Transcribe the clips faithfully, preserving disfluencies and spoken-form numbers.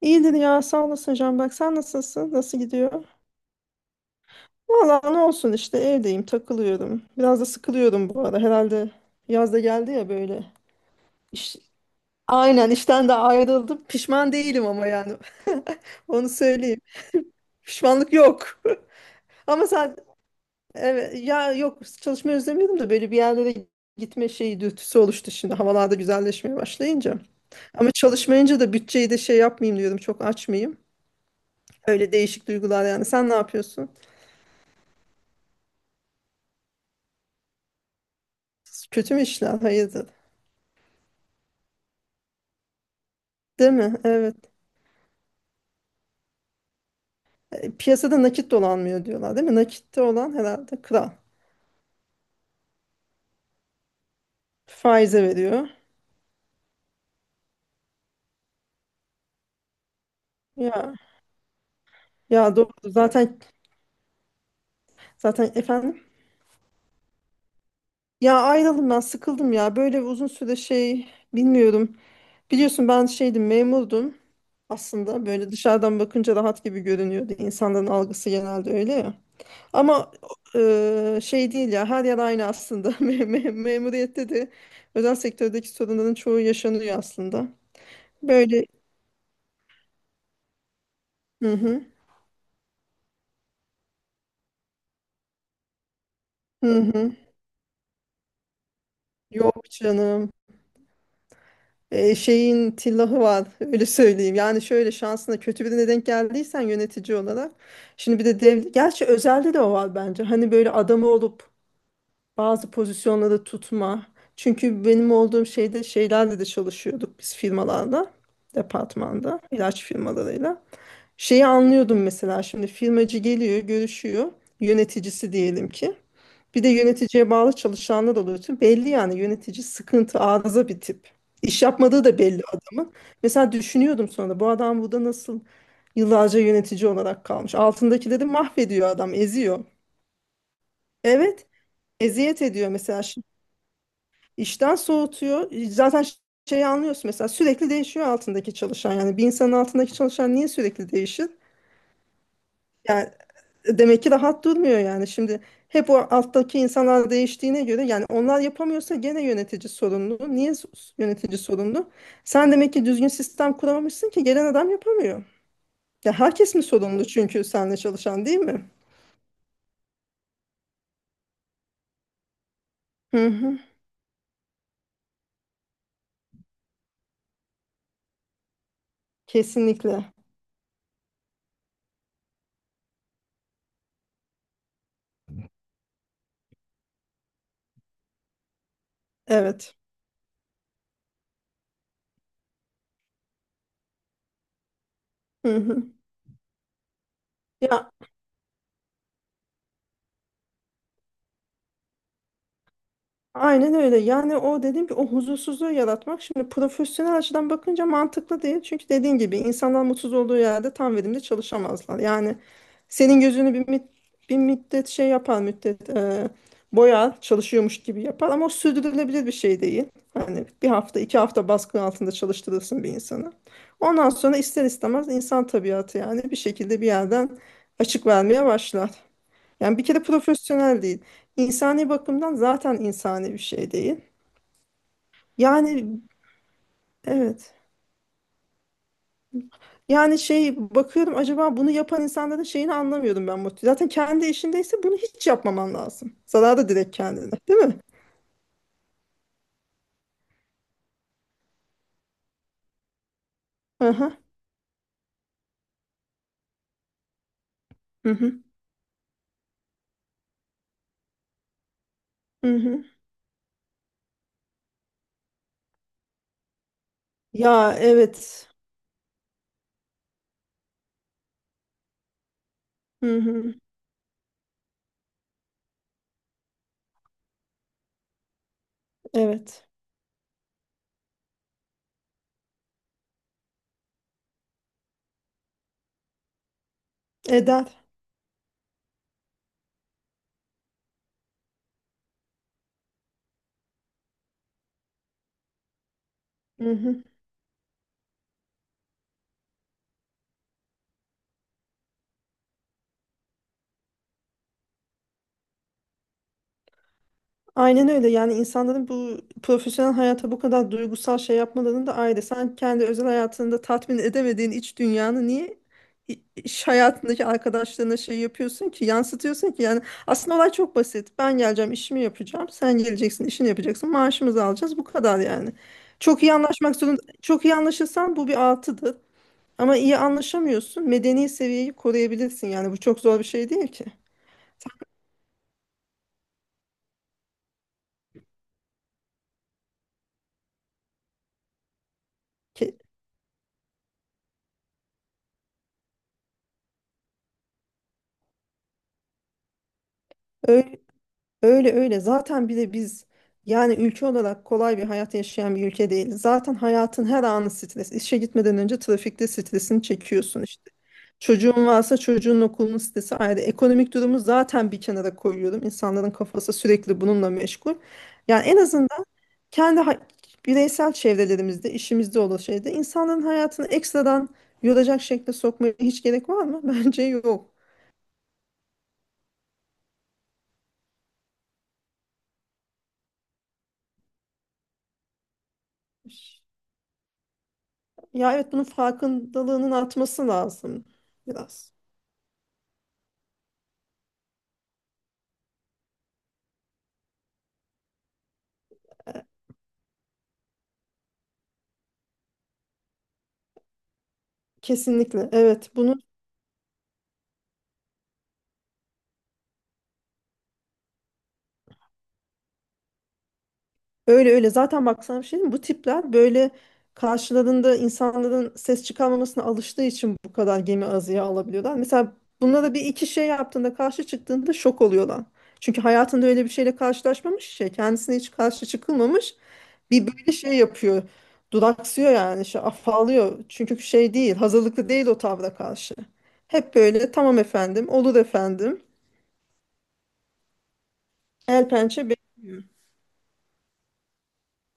İyidir ya, sağ olasın Can. Bak sen nasılsın, nasıl gidiyor? Vallahi ne olsun, işte evdeyim, takılıyorum, biraz da sıkılıyorum bu ara. Herhalde yaz da geldi ya böyle. İş- aynen, işten de ayrıldım, pişman değilim ama yani onu söyleyeyim. Pişmanlık yok. Ama sen, evet ya, yok çalışmayı özlemiyordum da böyle bir yerlere gitme şeyi, dürtüsü oluştu şimdi havalarda güzelleşmeye başlayınca. Ama çalışmayınca da bütçeyi de şey yapmayayım diyorum, çok açmayayım. Öyle değişik duygular. Yani sen ne yapıyorsun? Kötü mü işler? Hayırdır? Değil mi? Evet. E, Piyasada nakit dolanmıyor diyorlar değil mi? Nakitte olan herhalde kral. Faize veriyor. Ya ya doğru. Zaten zaten efendim. Ya ayrıldım, ben sıkıldım ya. Böyle uzun süre şey, bilmiyorum. Biliyorsun ben şeydim, memurdum. Aslında böyle dışarıdan bakınca rahat gibi görünüyordu. İnsanların algısı genelde öyle ya. Ama e, şey değil ya, her yer aynı aslında. Me- me- Memuriyette de özel sektördeki sorunların çoğu yaşanıyor aslında. Böyle hı hı, hı hı. Yok canım. Ee, şeyin tillahı var, öyle söyleyeyim. Yani şöyle, şansına kötü birine denk geldiysen yönetici olarak. Şimdi bir de dev, gerçi özelde de o var bence. Hani böyle adamı olup bazı pozisyonları tutma. Çünkü benim olduğum şeyde şeylerle de çalışıyorduk biz, firmalarda, departmanda, ilaç firmalarıyla. Şeyi anlıyordum mesela, şimdi firmacı geliyor, görüşüyor, yöneticisi diyelim ki. Bir de yöneticiye bağlı çalışanlar oluyor. Tüm belli yani, yönetici sıkıntı, arıza bir tip. İş yapmadığı da belli adamın. Mesela düşünüyordum sonra, bu adam burada nasıl yıllarca yönetici olarak kalmış. Altındakileri mahvediyor adam, eziyor. Evet, eziyet ediyor mesela. Şi- işten soğutuyor. Zaten ş- şeyi anlıyorsun mesela, sürekli değişiyor altındaki çalışan. Yani bir insanın altındaki çalışan niye sürekli değişir? Yani demek ki rahat durmuyor yani. Şimdi hep o alttaki insanlar değiştiğine göre, yani onlar yapamıyorsa gene yönetici sorumlu. Niye s- yönetici sorumlu? Sen demek ki düzgün sistem kuramamışsın ki gelen adam yapamıyor. Ya herkes mi sorumlu, çünkü seninle çalışan değil mi? Hı hı. Kesinlikle. Evet. Hı hı. Ya aynen öyle. Yani o dediğim ki, o huzursuzluğu yaratmak, şimdi profesyonel açıdan bakınca mantıklı değil. Çünkü dediğin gibi insanlar mutsuz olduğu yerde tam verimli çalışamazlar. Yani senin gözünü bir, müd- bir müddet şey yapar, müddet e, boyar, çalışıyormuş gibi yapar ama o sürdürülebilir bir şey değil. Hani bir hafta, iki hafta baskı altında çalıştırırsın bir insanı. Ondan sonra ister istemez insan tabiatı, yani bir şekilde bir yerden açık vermeye başlar. Yani bir kere profesyonel değil. İnsani bakımdan zaten insani bir şey değil. Yani evet. Yani şey bakıyorum, acaba bunu yapan insanların şeyini anlamıyorum ben. Mutlu. Zaten kendi işindeyse bunu hiç yapmaman lazım. Zararı direkt kendine, değil mi? Aha. Hı hı. Hı hı. Ya evet. Hı hı. Evet. Eder. Hı hı. Aynen öyle. Yani insanların bu profesyonel hayata bu kadar duygusal şey yapmalarını da ayrı. Sen kendi özel hayatında tatmin edemediğin iç dünyanı niye i- iş hayatındaki arkadaşlarına şey yapıyorsun ki, yansıtıyorsun ki. Yani aslında olay çok basit. Ben geleceğim, işimi yapacağım. Sen geleceksin, işini yapacaksın. Maaşımızı alacağız. Bu kadar yani. Çok iyi anlaşmak zorunda. Çok iyi anlaşırsan bu bir artıdır. Ama iyi anlaşamıyorsun, medeni seviyeyi koruyabilirsin. Yani bu çok zor bir şey değil ki. Ki- Öyle, öyle öyle. Zaten bir de biz yani ülke olarak kolay bir hayat yaşayan bir ülke değil. Zaten hayatın her anı stres. İşe gitmeden önce trafikte stresini çekiyorsun işte. Çocuğun varsa çocuğun okulunun stresi ayrı. Ekonomik durumu zaten bir kenara koyuyorum. İnsanların kafası sürekli bununla meşgul. Yani en azından kendi ha- bireysel çevrelerimizde, işimizde olan şeyde insanların hayatını ekstradan yoracak şekilde sokmaya hiç gerek var mı? Bence yok. Ya evet, bunun farkındalığının artması lazım biraz. E, Kesinlikle. Evet, bunu öyle öyle. Zaten bak sana bir şey diyeyim mi? Bu tipler böyle karşılarında insanların ses çıkarmamasına alıştığı için bu kadar gemi azıya alabiliyorlar. Mesela bunlara bir iki şey yaptığında, karşı çıktığında şok oluyorlar. Çünkü hayatında öyle bir şeyle karşılaşmamış şey, kendisine hiç karşı çıkılmamış. Bir böyle şey yapıyor, duraksıyor yani, şey afallıyor. Çünkü şey değil, hazırlıklı değil o tavra karşı. Hep böyle tamam efendim, olur efendim. El pençe. be-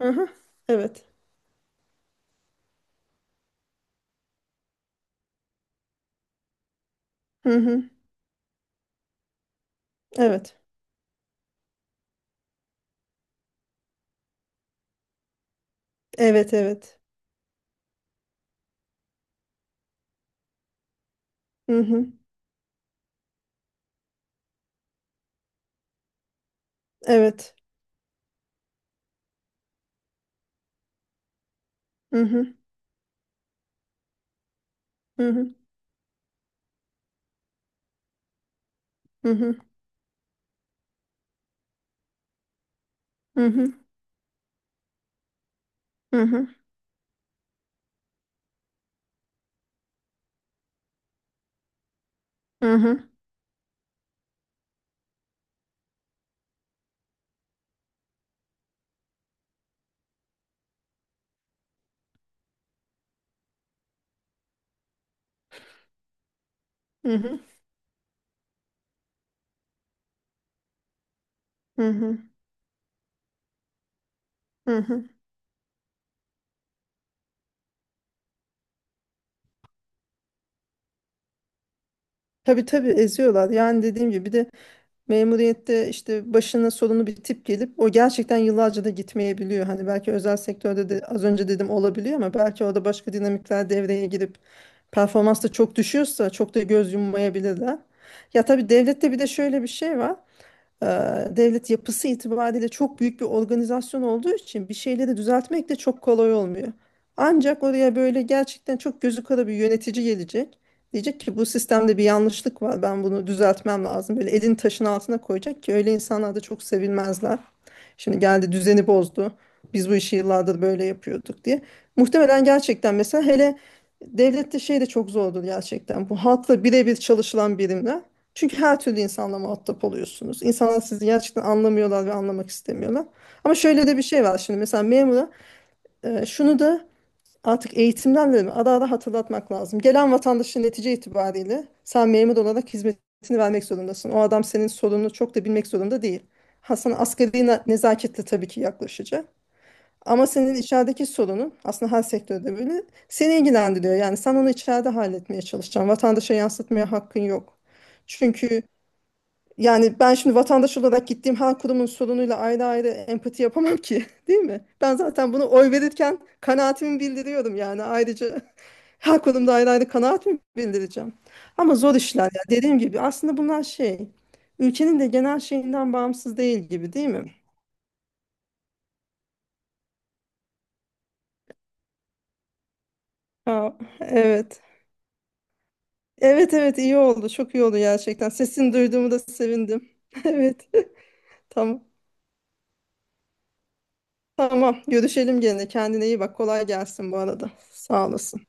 Hı hı, evet. Hı hı, evet. Evet evet. Hı hı. Evet. Hı hı. Hı hı. Hı hı. Hı hı. Hı hı. Hı hı. Hı hı. Hı hı. Hı hı. Tabii tabii, eziyorlar. Yani dediğim gibi, bir de memuriyette işte başına sorunu bir tip gelip o gerçekten yıllarca da gitmeyebiliyor. Hani belki özel sektörde de az önce dedim olabiliyor, ama belki orada başka dinamikler devreye girip performans da çok düşüyorsa çok da göz yummayabilirler. Ya tabii, devlette bir de şöyle bir şey var. e, Devlet yapısı itibariyle çok büyük bir organizasyon olduğu için bir şeyleri düzeltmek de çok kolay olmuyor. Ancak oraya böyle gerçekten çok gözü kara bir yönetici gelecek. Diyecek ki bu sistemde bir yanlışlık var, ben bunu düzeltmem lazım. Böyle elini taşın altına koyacak ki, öyle insanlar da çok sevilmezler. Şimdi geldi düzeni bozdu, biz bu işi yıllardır böyle yapıyorduk diye. Muhtemelen gerçekten mesela, hele devlette şey de çok zordur gerçekten, bu halkla birebir çalışılan birimler. Çünkü her türlü insanla muhatap oluyorsunuz. İnsanlar sizi gerçekten anlamıyorlar ve anlamak istemiyorlar. Ama şöyle de bir şey var. Şimdi mesela memura e, şunu da artık eğitimlerle mi ara ara hatırlatmak lazım. Gelen vatandaşın, netice itibariyle sen memur olarak hizmetini vermek zorundasın. O adam senin sorununu çok da bilmek zorunda değil. Ha, sana asgari ne- nezaketle tabii ki yaklaşacak. Ama senin içerideki sorunun aslında her sektörde böyle, seni ilgilendiriyor. Yani sen onu içeride halletmeye çalışacaksın, vatandaşa yansıtmaya hakkın yok. Çünkü yani ben şimdi vatandaş olarak gittiğim her kurumun sorunuyla ayrı ayrı empati yapamam ki, değil mi? Ben zaten bunu oy verirken kanaatimi bildiriyorum yani, ayrıca her kurumda ayrı ayrı kanaatimi bildireceğim. Ama zor işler ya, dediğim gibi aslında bunlar şey, ülkenin de genel şeyinden bağımsız değil gibi, değil mi? Ha, evet. Evet evet, iyi oldu, çok iyi oldu gerçekten, sesini duyduğumu da sevindim. Evet. tamam tamam, görüşelim gene, kendine iyi bak, kolay gelsin bu arada, sağ olasın.